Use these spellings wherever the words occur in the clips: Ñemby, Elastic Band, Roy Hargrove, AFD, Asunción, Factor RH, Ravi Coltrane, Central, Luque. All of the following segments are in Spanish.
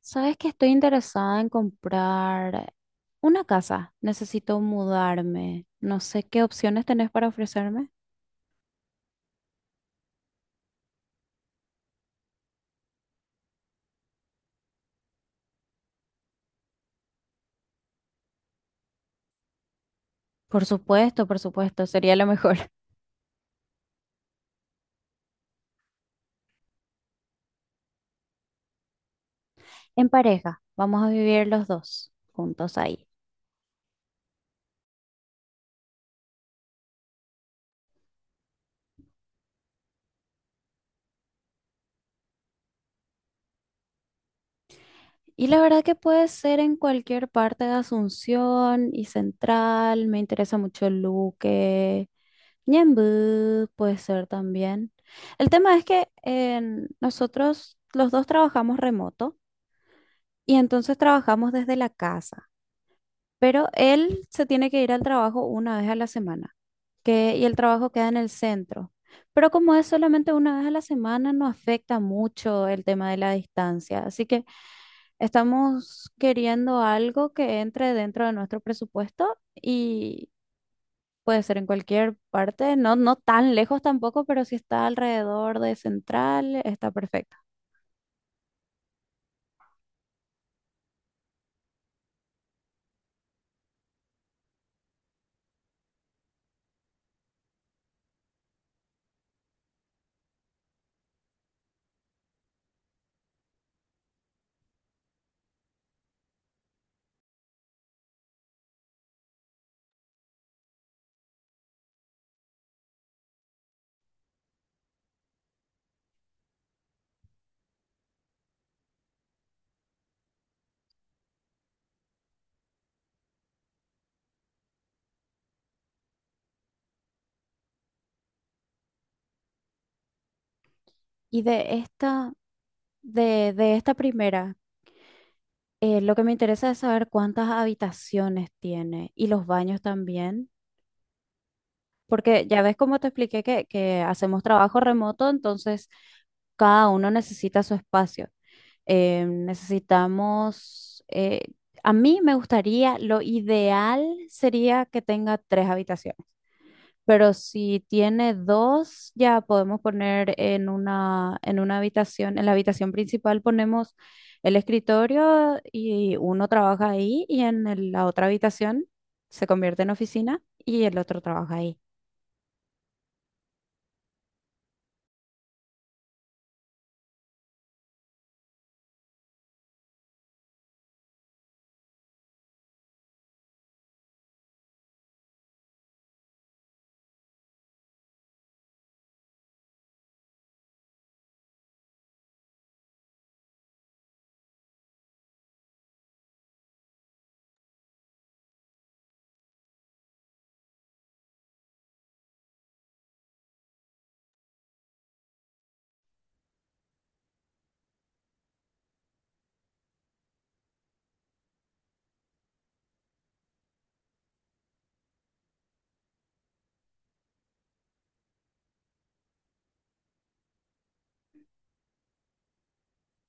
Sabes que estoy interesada en comprar una casa. Necesito mudarme. No sé qué opciones tenés para ofrecerme. Por supuesto, sería lo mejor. En pareja, vamos a vivir los dos juntos ahí. Y la verdad que puede ser en cualquier parte de Asunción y Central. Me interesa mucho Luque, Ñemby puede ser también. El tema es que nosotros los dos trabajamos remoto. Y entonces trabajamos desde la casa. Pero él se tiene que ir al trabajo una vez a la semana, y el trabajo queda en el centro. Pero como es solamente una vez a la semana, no afecta mucho el tema de la distancia. Así que estamos queriendo algo que entre dentro de nuestro presupuesto y puede ser en cualquier parte, no, no tan lejos tampoco, pero si está alrededor de Central, está perfecto. Y de esta primera. Lo que me interesa es saber cuántas habitaciones tiene y los baños también, porque ya ves como te expliqué que hacemos trabajo remoto, entonces cada uno necesita su espacio. Necesitamos, a mí me gustaría, lo ideal sería que tenga tres habitaciones. Pero si tiene dos, ya podemos poner en una habitación, en la habitación principal ponemos el escritorio y uno trabaja ahí y en la otra habitación se convierte en oficina y el otro trabaja ahí.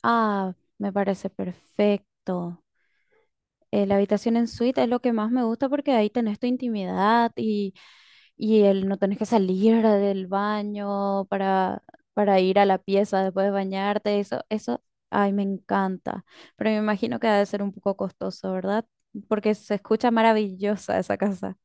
Ah, me parece perfecto. La habitación en suite es lo que más me gusta porque ahí tenés tu intimidad y no tenés que salir del baño para, ir a la pieza después de bañarte. Eso, ay, me encanta. Pero me imagino que ha de ser un poco costoso, ¿verdad? Porque se escucha maravillosa esa casa.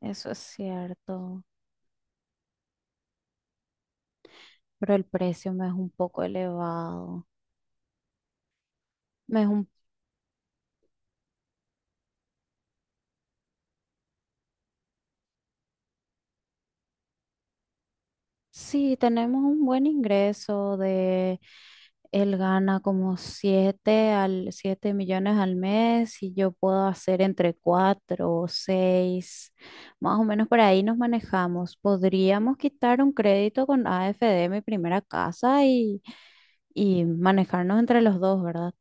Eso es cierto, pero el precio me es un poco elevado. Me es un. Sí, tenemos un buen ingreso de, él gana como 7 millones al mes y yo puedo hacer entre 4 o 6 más o menos por ahí nos manejamos. Podríamos quitar un crédito con AFD, mi primera casa, y manejarnos entre los dos, ¿verdad?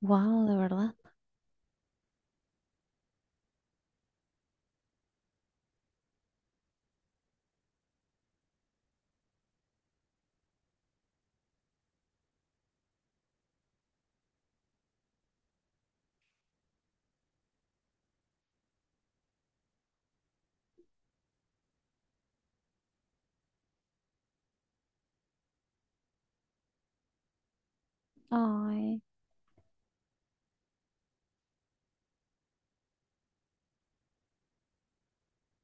Wow, de verdad. Ay.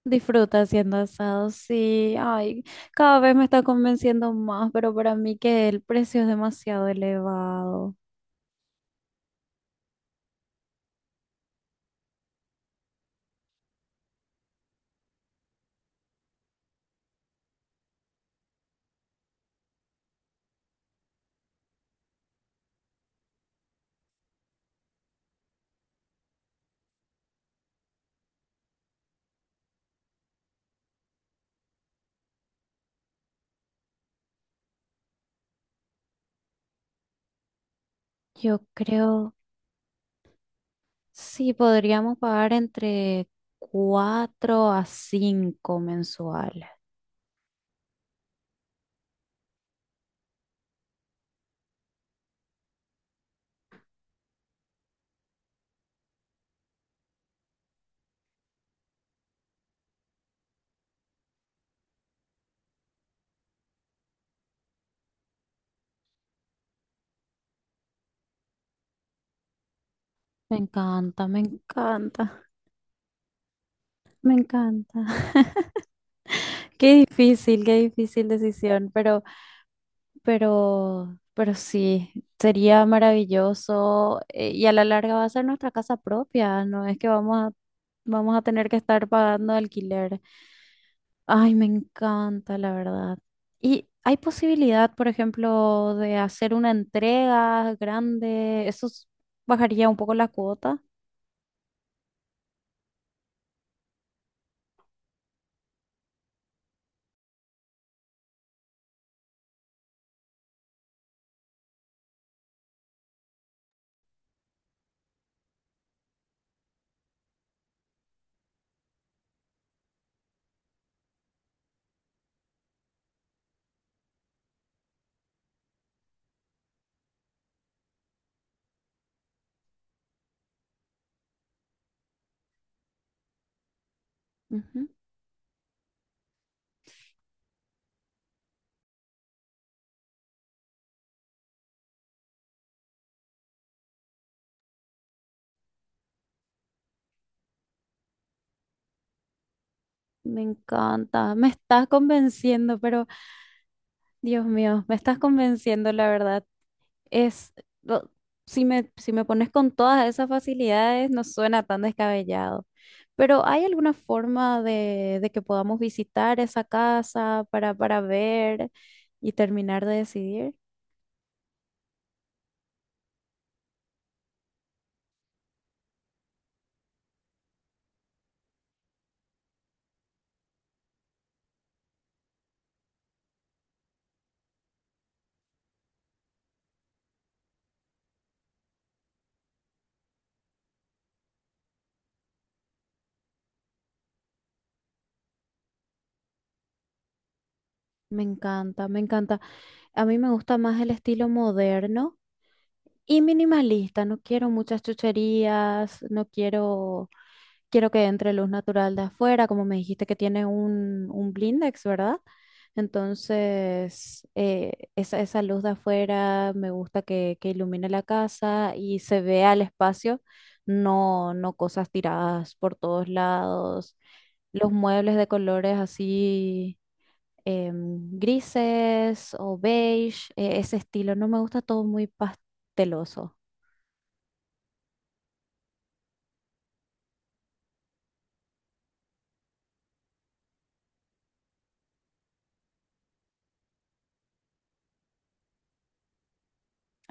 Disfruta haciendo asados, sí. Ay, cada vez me está convenciendo más, pero para mí que el precio es demasiado elevado. Yo creo, sí, podríamos pagar entre 4 a 5 mensuales. Me encanta, me encanta, me encanta. Qué difícil decisión, pero. Pero sí, sería maravilloso y a la larga va a ser nuestra casa propia, no es que vamos a, tener que estar pagando alquiler. Ay, me encanta, la verdad. ¿Y hay posibilidad, por ejemplo, de hacer una entrega grande? ¿Eso bajaría un poco la cuota? Ujú. Me encanta, me estás convenciendo, pero Dios mío, me estás convenciendo, la verdad. Es, lo- si me, si me pones con todas esas facilidades, no suena tan descabellado. Pero ¿hay alguna forma de que podamos visitar esa casa para, ver y terminar de decidir? Me encanta, me encanta. A mí me gusta más el estilo moderno y minimalista. No quiero muchas chucherías, no quiero que entre luz natural de afuera, como me dijiste que tiene un blindex, ¿verdad? Entonces, esa luz de afuera me gusta que ilumine la casa y se vea el espacio, no, no cosas tiradas por todos lados. Los muebles de colores así grises o beige, ese estilo, no me gusta todo muy pasteloso.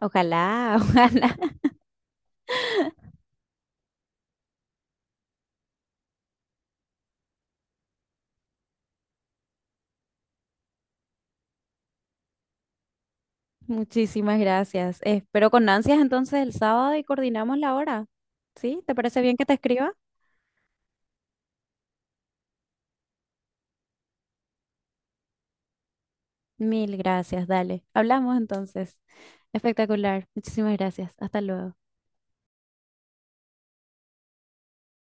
Ojalá, ojalá. Muchísimas gracias. Espero con ansias entonces el sábado y coordinamos la hora. ¿Sí? ¿Te parece bien que te escriba? Mil gracias, dale. Hablamos entonces. Espectacular. Muchísimas gracias. Hasta luego.